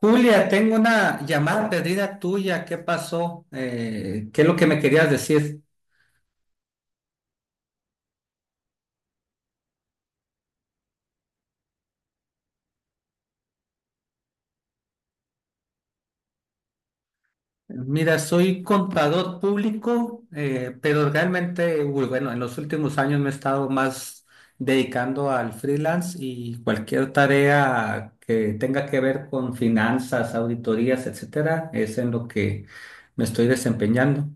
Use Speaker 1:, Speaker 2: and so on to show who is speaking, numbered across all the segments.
Speaker 1: Julia, tengo una llamada perdida tuya. ¿Qué pasó? ¿Qué es lo que me querías decir? Mira, soy contador público, pero realmente, uy, bueno, en los últimos años me he estado más dedicando al freelance y cualquier tarea que tenga que ver con finanzas, auditorías, etcétera, es en lo que me estoy desempeñando.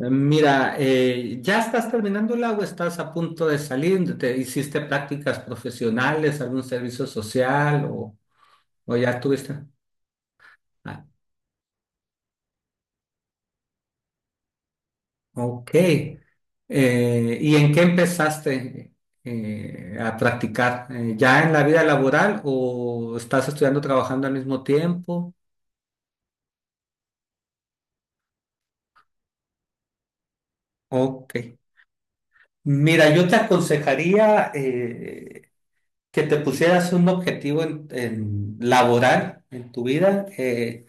Speaker 1: Mira, ¿ya estás terminándola o estás a punto de salir? ¿Te hiciste prácticas profesionales, algún servicio social o ya tuviste? Ah, ok. ¿Y en qué empezaste a practicar? ¿Ya en la vida laboral o estás estudiando, trabajando al mismo tiempo? Ok. Mira, yo te aconsejaría que te pusieras un objetivo en laboral en tu vida. eh,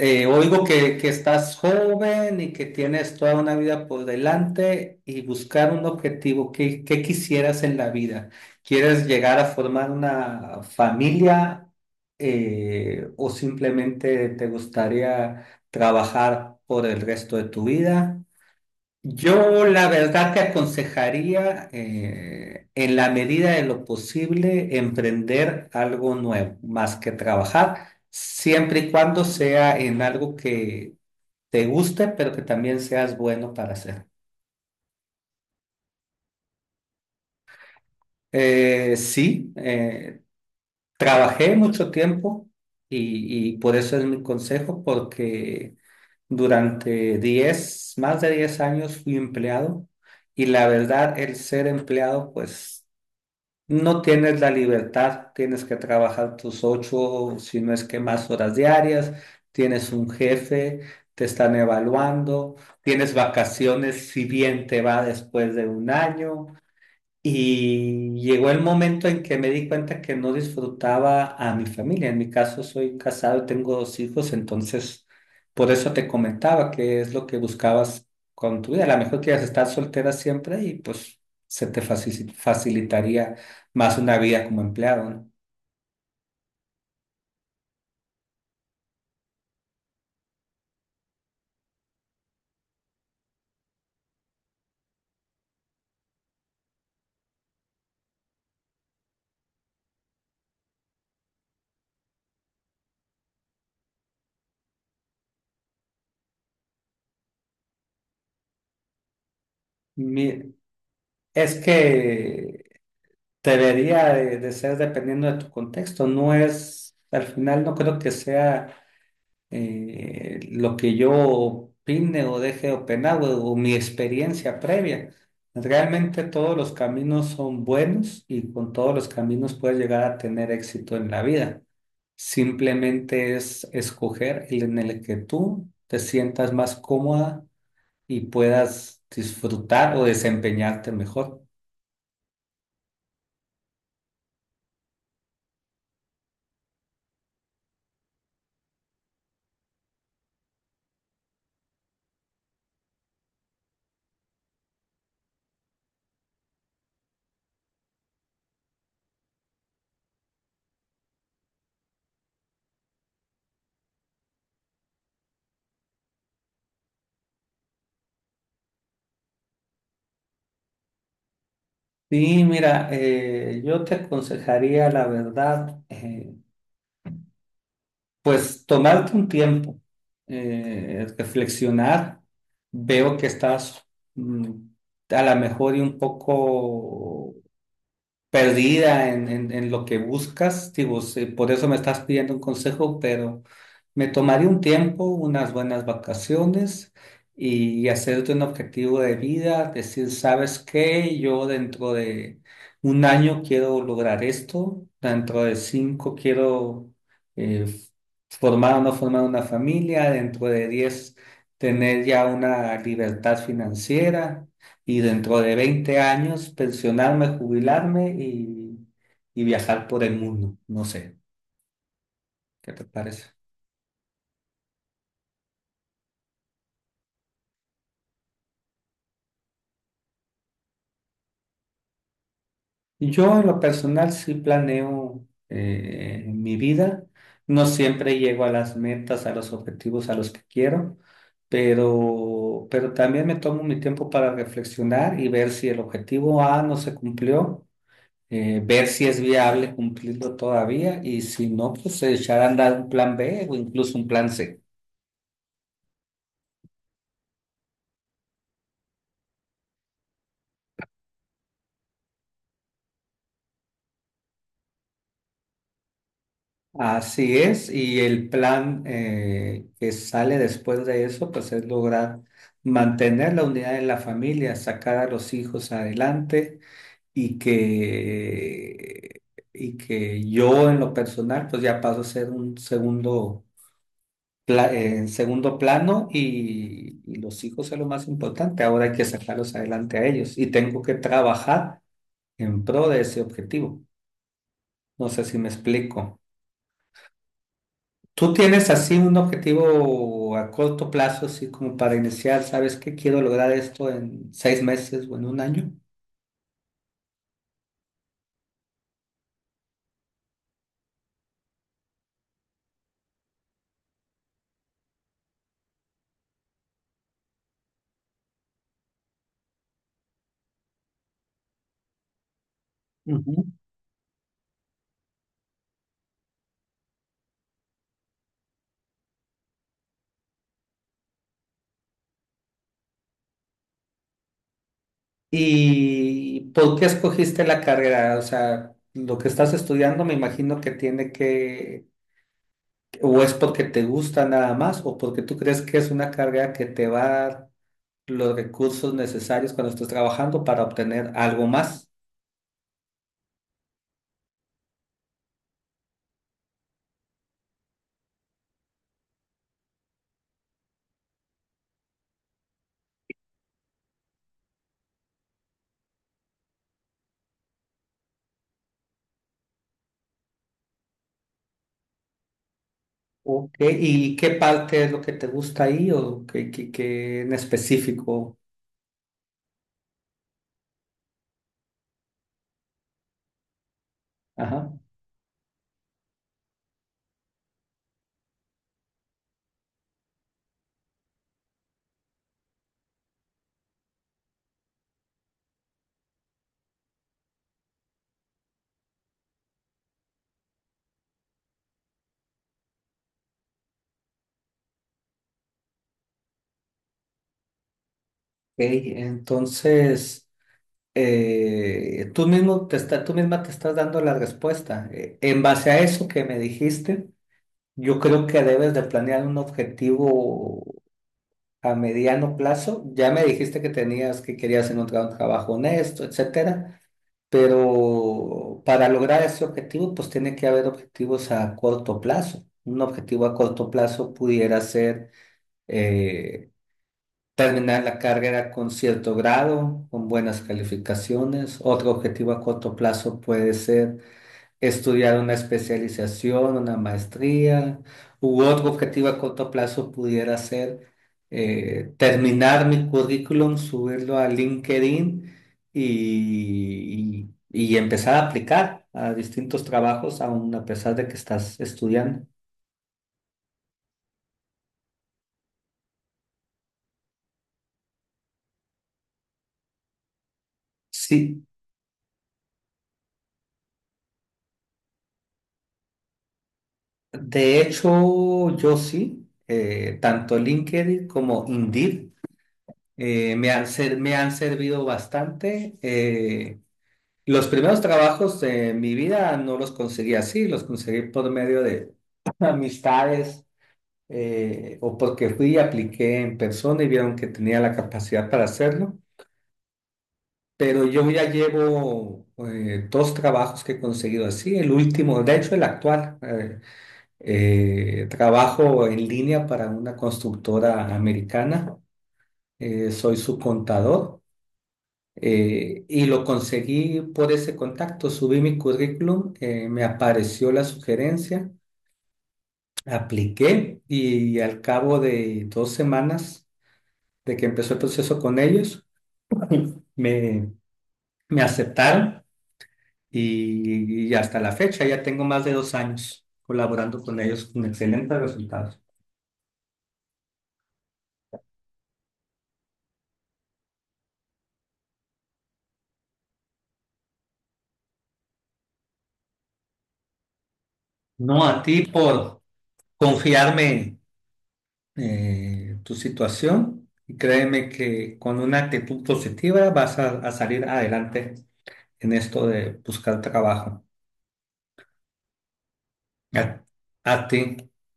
Speaker 1: Eh, Oigo que estás joven y que tienes toda una vida por delante y buscar un objetivo. ¿Qué quisieras en la vida? ¿Quieres llegar a formar una familia o simplemente te gustaría trabajar por el resto de tu vida? Yo la verdad te aconsejaría, en la medida de lo posible, emprender algo nuevo, más que trabajar, siempre y cuando sea en algo que te guste, pero que también seas bueno para hacer. Sí, trabajé mucho tiempo y por eso es mi consejo, porque durante 10, más de 10 años fui empleado y la verdad el ser empleado, pues no tienes la libertad, tienes que trabajar tus 8, si no es que más horas diarias, tienes un jefe, te están evaluando, tienes vacaciones si bien te va después de un año, y llegó el momento en que me di cuenta que no disfrutaba a mi familia. En mi caso soy casado y tengo dos hijos, entonces por eso te comentaba que es lo que buscabas con tu vida. A lo mejor quieres estar soltera siempre y pues se te facilitaría más una vida como empleado, ¿no? Mi- es que debería de ser dependiendo de tu contexto. No es, al final no creo que sea lo que yo opine o deje de opinar o mi experiencia previa. Realmente todos los caminos son buenos y con todos los caminos puedes llegar a tener éxito en la vida. Simplemente es escoger el en el que tú te sientas más cómoda y puedas disfrutar o desempeñarte mejor. Sí, mira, yo te aconsejaría la verdad. Pues tomarte un tiempo, reflexionar, veo que estás mm, a lo mejor y un poco perdida en lo que buscas. Digo, sí, por eso me estás pidiendo un consejo, pero me tomaré un tiempo, unas buenas vacaciones y hacerte un objetivo de vida, decir, ¿sabes qué? Yo dentro de un año quiero lograr esto, dentro de cinco quiero eh, formar o no formar una familia, dentro de 10 tener ya una libertad financiera y dentro de 20 años pensionarme, jubilarme y viajar por el mundo. No sé, ¿qué te parece? Yo en lo personal sí planeo mi vida. No siempre llego a las metas, a los objetivos a los que quiero, pero también me tomo mi tiempo para reflexionar y ver si el objetivo A no se cumplió, ver si es viable cumplirlo todavía y si no, pues echar a andar un plan B o incluso un plan C. Así es, y el plan que sale después de eso, pues es lograr mantener la unidad en la familia, sacar a los hijos adelante y que, y que yo en lo personal, pues ya paso a ser un segundo, en segundo plano y los hijos es lo más importante. Ahora hay que sacarlos adelante a ellos y tengo que trabajar en pro de ese objetivo. No sé si me explico. ¿Tú tienes así un objetivo a corto plazo, así como para iniciar, sabes que quiero lograr esto en 6 meses o en un año? Ujú. ¿Y por qué escogiste la carrera? O sea, lo que estás estudiando me imagino que tiene que, o es porque te gusta nada más, o porque tú crees que es una carrera que te va a dar los recursos necesarios cuando estés trabajando para obtener algo más. Ok. ¿Y qué parte es lo que te gusta ahí o qué en específico? Ok, entonces tú misma te estás dando la respuesta. En base a eso que me dijiste, yo creo que debes de planear un objetivo a mediano plazo. Ya me dijiste que tenías que querías encontrar un trabajo honesto, etcétera, pero para lograr ese objetivo, pues tiene que haber objetivos a corto plazo. Un objetivo a corto plazo pudiera ser eh, terminar la carrera con cierto grado, con buenas calificaciones. Otro objetivo a corto plazo puede ser estudiar una especialización, una maestría, u otro objetivo a corto plazo pudiera ser terminar mi currículum, subirlo a LinkedIn y empezar a aplicar a distintos trabajos, aun a pesar de que estás estudiando. Sí. De hecho, yo sí, tanto LinkedIn como Indeed me han servido bastante. Los primeros trabajos de mi vida no los conseguí así, los conseguí por medio de amistades o porque fui y apliqué en persona y vieron que tenía la capacidad para hacerlo. Pero yo ya llevo dos trabajos que he conseguido así, el último, de hecho el actual. Trabajo en línea para una constructora americana. Soy su contador y lo conseguí por ese contacto. Subí mi currículum, me apareció la sugerencia, apliqué y al cabo de 2 semanas de que empezó el proceso con ellos, me, me aceptaron y hasta la fecha ya tengo más de 2 años colaborando con ellos con excelentes resultados. No a ti por confiarme tu situación y créeme que con una actitud positiva vas a salir adelante en esto de buscar trabajo. A, a ti.